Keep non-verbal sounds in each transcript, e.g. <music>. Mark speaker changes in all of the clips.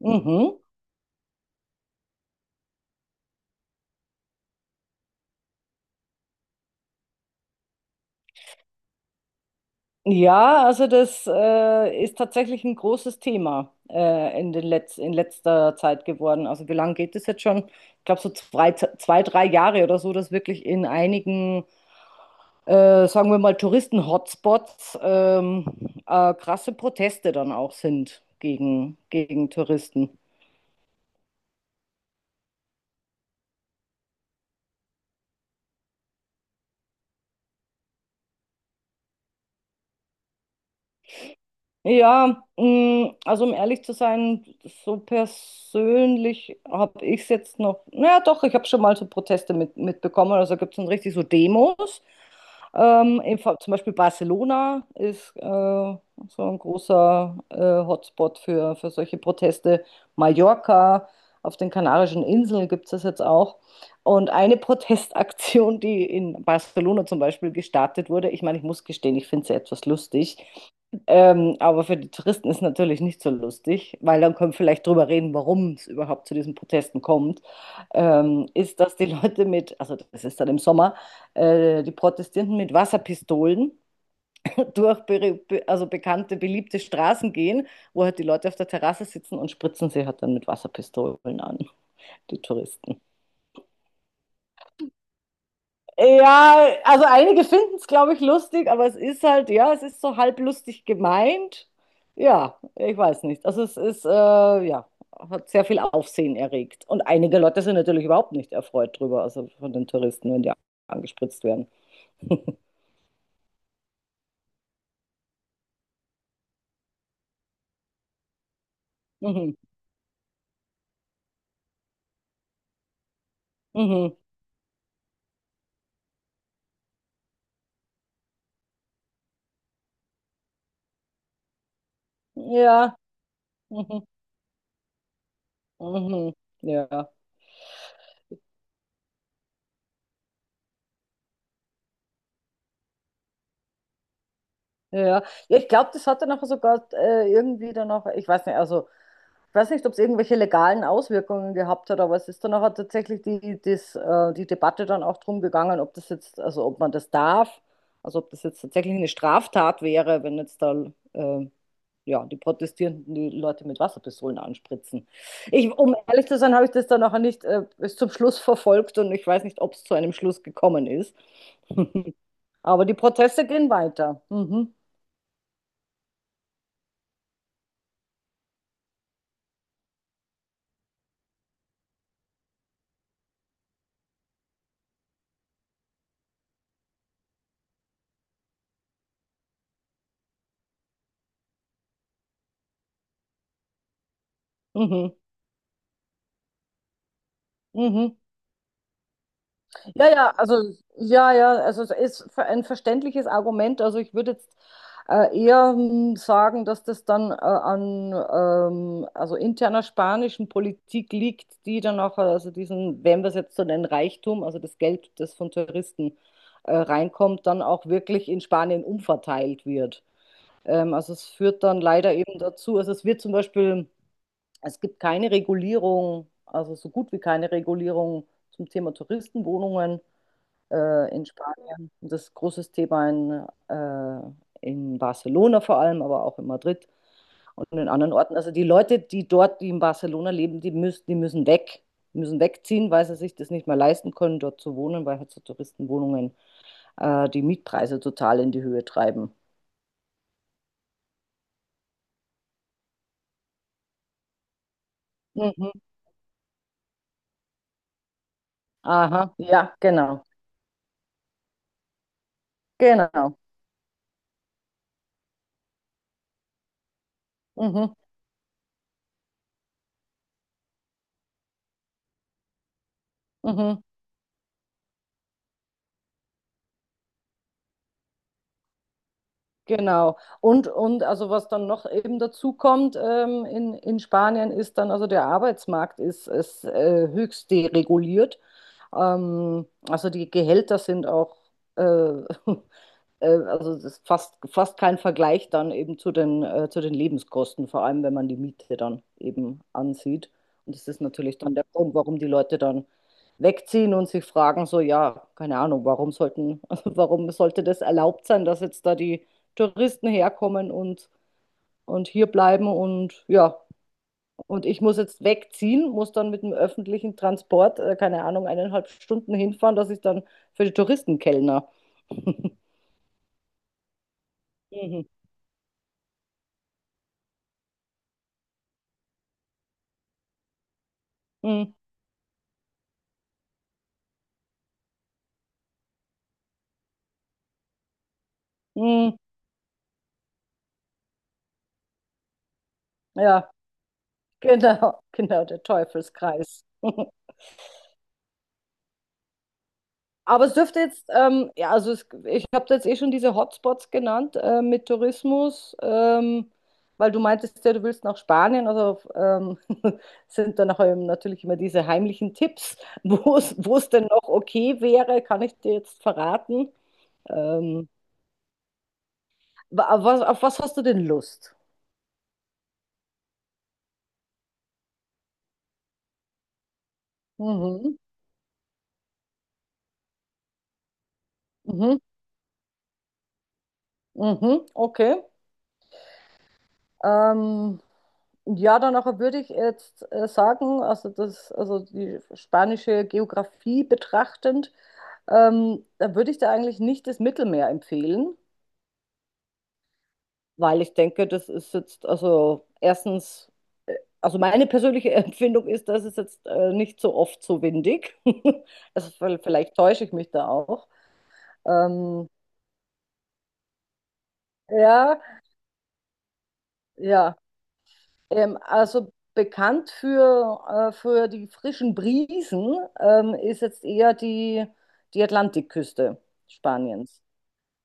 Speaker 1: Mhm. Ja, also das ist tatsächlich ein großes Thema in den Letz in letzter Zeit geworden. Also wie lange geht es jetzt schon? Ich glaube so zwei, 3 Jahre oder so, dass wirklich in einigen, sagen wir mal, Touristen-Hotspots krasse Proteste dann auch sind gegen Touristen. Ja, also um ehrlich zu sein, so persönlich habe ich es jetzt noch, naja doch, ich habe schon mal so Proteste mitbekommen, also gibt es dann richtig so Demos. Zum Beispiel Barcelona ist so ein großer Hotspot für solche Proteste. Mallorca, auf den Kanarischen Inseln gibt es das jetzt auch. Und eine <laughs> Protestaktion, die in Barcelona zum Beispiel gestartet wurde, ich meine, ich muss gestehen, ich finde sie etwas lustig. Aber für die Touristen ist natürlich nicht so lustig, weil dann können wir vielleicht drüber reden, warum es überhaupt zu diesen Protesten kommt. Ist, dass die Leute mit, also das ist dann im Sommer, die Protestierenden mit Wasserpistolen <laughs> durch also bekannte, beliebte Straßen gehen, wo halt die Leute auf der Terrasse sitzen und spritzen sie halt dann mit Wasserpistolen an, die Touristen. Ja, also einige finden es, glaube ich, lustig, aber es ist halt, ja, es ist so halb lustig gemeint. Ja, ich weiß nicht. Also es ist, ja, hat sehr viel Aufsehen erregt. Und einige Leute sind natürlich überhaupt nicht erfreut drüber, also von den Touristen, wenn die angespritzt werden. <laughs> Mhm, mhm. Ja, mhm, mhm, mhm. Ja. Ja, ja, ja. ich glaube, das hat dann auch sogar irgendwie dann auch, ich weiß nicht, also ich weiß nicht, ob es irgendwelche legalen Auswirkungen gehabt hat, aber es ist dann auch tatsächlich die, das, die Debatte dann auch drum gegangen, ob das jetzt, also ob man das darf, also ob das jetzt tatsächlich eine Straftat wäre, wenn jetzt da äh, ja, die Protestierenden die Leute mit Wasserpistolen anspritzen. Ich, um ehrlich zu sein, habe ich das dann auch nicht bis zum Schluss <laughs> verfolgt und ich weiß nicht, ob es zu einem Schluss gekommen ist. <laughs> Aber die Proteste gehen weiter. Mhm. Mhm. Mhm. Ja, ja, also ja, ja, also es ist ein verständliches Argument. Also ich würde jetzt eher sagen, dass das dann an also interner spanischen Politik liegt, die dann auch, also diesen, wenn wir es jetzt so nennen, Reichtum, also das Geld, das von Touristen reinkommt, dann auch wirklich in Spanien umverteilt wird. Also es führt dann leider eben dazu, also es wird zum Beispiel es gibt keine Regulierung, also so gut wie keine Regulierung zum Thema Touristenwohnungen in Spanien. Das ist ein großes Thema in Barcelona vor allem, aber auch in Madrid und in anderen Orten. Also die Leute, die dort, die in Barcelona leben, die müssen weg, müssen wegziehen, weil sie sich das nicht mehr leisten können, dort zu wohnen, weil halt so Touristenwohnungen die Mietpreise total in die Höhe treiben. Mhm. Aha, ja, genau, genau. Mhm. Mhm. Genau. Und also was dann noch eben dazu kommt in Spanien ist dann, also der Arbeitsmarkt ist höchst dereguliert. Also die Gehälter sind auch äh, <laughs> also es ist fast kein Vergleich dann eben zu den, zu den Lebenskosten, vor allem wenn man die Miete dann eben ansieht. Und das ist natürlich dann der Grund, warum die Leute dann wegziehen und sich fragen, so, ja, keine Ahnung, <laughs> warum sollte das erlaubt sein, dass jetzt da die Touristen herkommen und hier bleiben und ja, und ich muss jetzt wegziehen, muss dann mit dem öffentlichen Transport, keine Ahnung, 1,5 Stunden hinfahren, dass ich dann für die Touristen kellner. <laughs> Mhm. Hm, ja, genau, <laughs> genau, der Teufelskreis. <laughs> Aber es dürfte jetzt, ja, also es, ich habe jetzt eh schon diese Hotspots genannt mit Tourismus, weil du meintest ja, du willst nach Spanien, also <laughs> sind dann auch natürlich immer diese heimlichen Tipps, <laughs> wo es denn noch okay wäre, kann ich dir jetzt verraten. Ähm, auf was hast du denn Lust? Mhm, mhm, mhm, okay. Ähm, ja, dann auch würde ich jetzt sagen, also das, also die spanische Geografie betrachtend, da würde ich da eigentlich nicht das Mittelmeer empfehlen, weil ich denke, das ist jetzt, also erstens, also meine persönliche <laughs> Empfindung ist, dass es jetzt nicht so oft so windig. <laughs> Also vielleicht täusche ich mich da auch. Ähm, ja, ja. Also bekannt für, für die frischen Brisen ist jetzt eher die Atlantikküste Spaniens.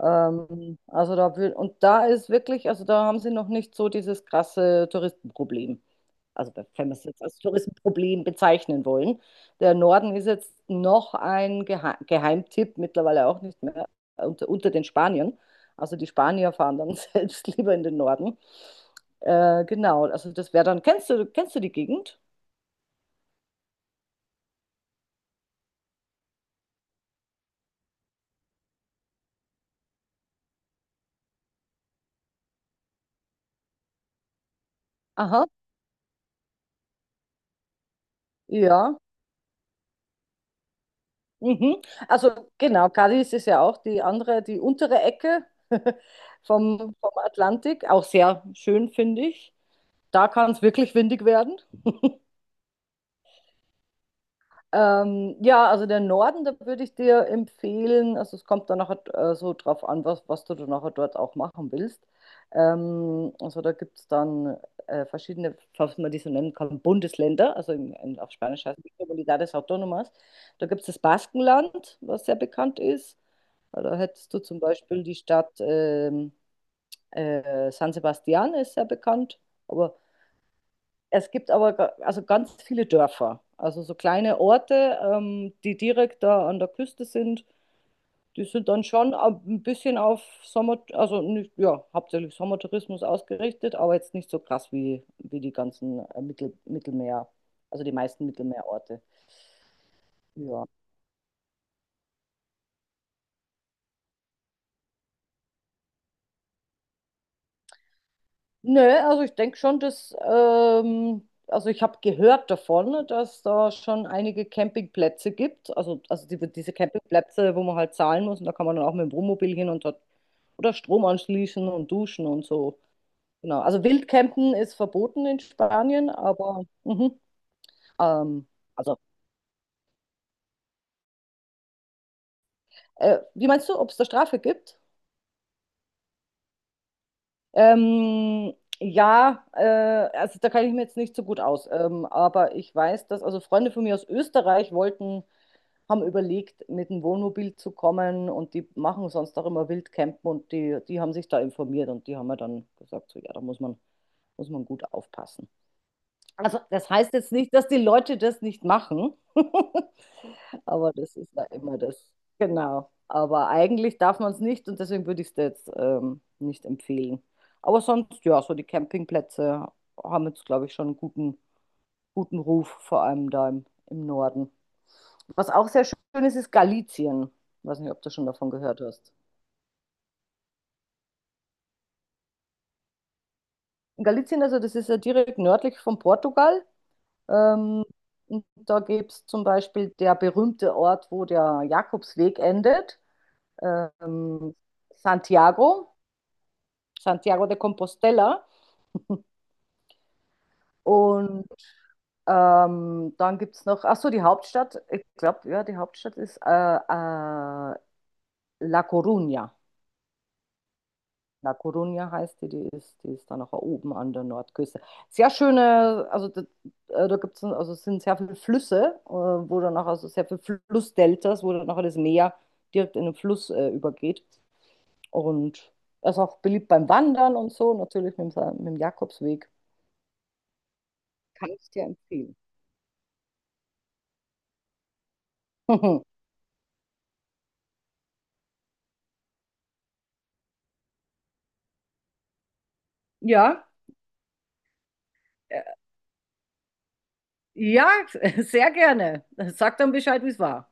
Speaker 1: Also da und da ist wirklich, also da haben sie noch nicht so dieses krasse Touristenproblem. Also wenn wir es jetzt als Touristenproblem bezeichnen wollen. Der Norden ist jetzt noch ein Geheimtipp, mittlerweile auch nicht mehr, unter den Spaniern. Also die Spanier fahren dann <laughs> selbst lieber in den Norden. Genau, also das wäre dann, kennst du die Gegend? Aha, ja. Mhm. Also genau, Cadiz ist ja auch die andere, die untere Ecke <laughs> vom Atlantik, auch sehr schön, finde ich. Da kann es wirklich windig werden. Ja, also der Norden, da würde ich dir empfehlen, also es kommt dann nachher so drauf an, was du dann nachher dort auch machen willst. Also da gibt es dann verschiedene, falls man die so nennen kann, Bundesländer, also auf Spanisch heißt es Comunidades Autónomas. Da gibt es das Baskenland, was sehr bekannt ist. Da hättest du zum Beispiel die Stadt San Sebastian, ist sehr bekannt. Aber es gibt aber also ganz viele Dörfer, also so kleine Orte, die direkt da an der Küste sind. Die sind dann schon ein bisschen auf Sommer, also nicht, ja, hauptsächlich Sommertourismus ausgerichtet, aber jetzt nicht so krass wie die ganzen Mittelmeer, also die meisten Mittelmeerorte. Ja. Nö, also ich denke schon, dass, also ich habe gehört davon, dass da schon einige Campingplätze gibt. Also die, diese Campingplätze, wo man halt zahlen muss und da kann man dann auch mit dem Wohnmobil hin und dort oder Strom anschließen und duschen und so. Genau. Also Wildcampen ist verboten in Spanien, aber mhm. Ähm, also, wie meinst du, ob es da Strafe gibt? Ähm, ja, also da kann ich mir jetzt nicht so gut aus. Aber ich weiß, dass also Freunde von mir aus Österreich wollten haben überlegt, mit dem Wohnmobil zu kommen und die machen sonst auch immer Wildcampen und die haben sich da informiert und die haben mir dann gesagt, so ja, da muss man gut aufpassen. Also das heißt jetzt nicht, dass die Leute das nicht machen, <laughs> aber das ist da immer das. Genau. Aber eigentlich darf man es nicht und deswegen würde ich es jetzt nicht empfehlen. Aber sonst, ja, so die Campingplätze haben jetzt, glaube ich, schon einen guten, guten Ruf, vor allem da im Norden. Was auch sehr schön ist, ist Galicien. Ich weiß nicht, ob du schon davon gehört hast. In Galicien, also das ist ja direkt nördlich von Portugal. Ähm, und da gibt es zum Beispiel der berühmte Ort, wo der Jakobsweg endet, ähm, Santiago, Santiago de Compostela. Und dann gibt es noch, ach so, die Hauptstadt, ich glaube, ja, die Hauptstadt ist äh, La Coruña. La Coruña heißt die ist dann auch oben an der Nordküste. Sehr schöne, also da gibt's, also es sind sehr viele Flüsse, wo dann auch, also sehr viele Flussdeltas, wo dann nachher das Meer direkt in den Fluss übergeht. Und er ist auch beliebt beim Wandern und so, natürlich mit dem Jakobsweg. Kann ich dir empfehlen. <laughs> Ja, äh, ja, <laughs> sehr gerne. Sag dann Bescheid, wie es war.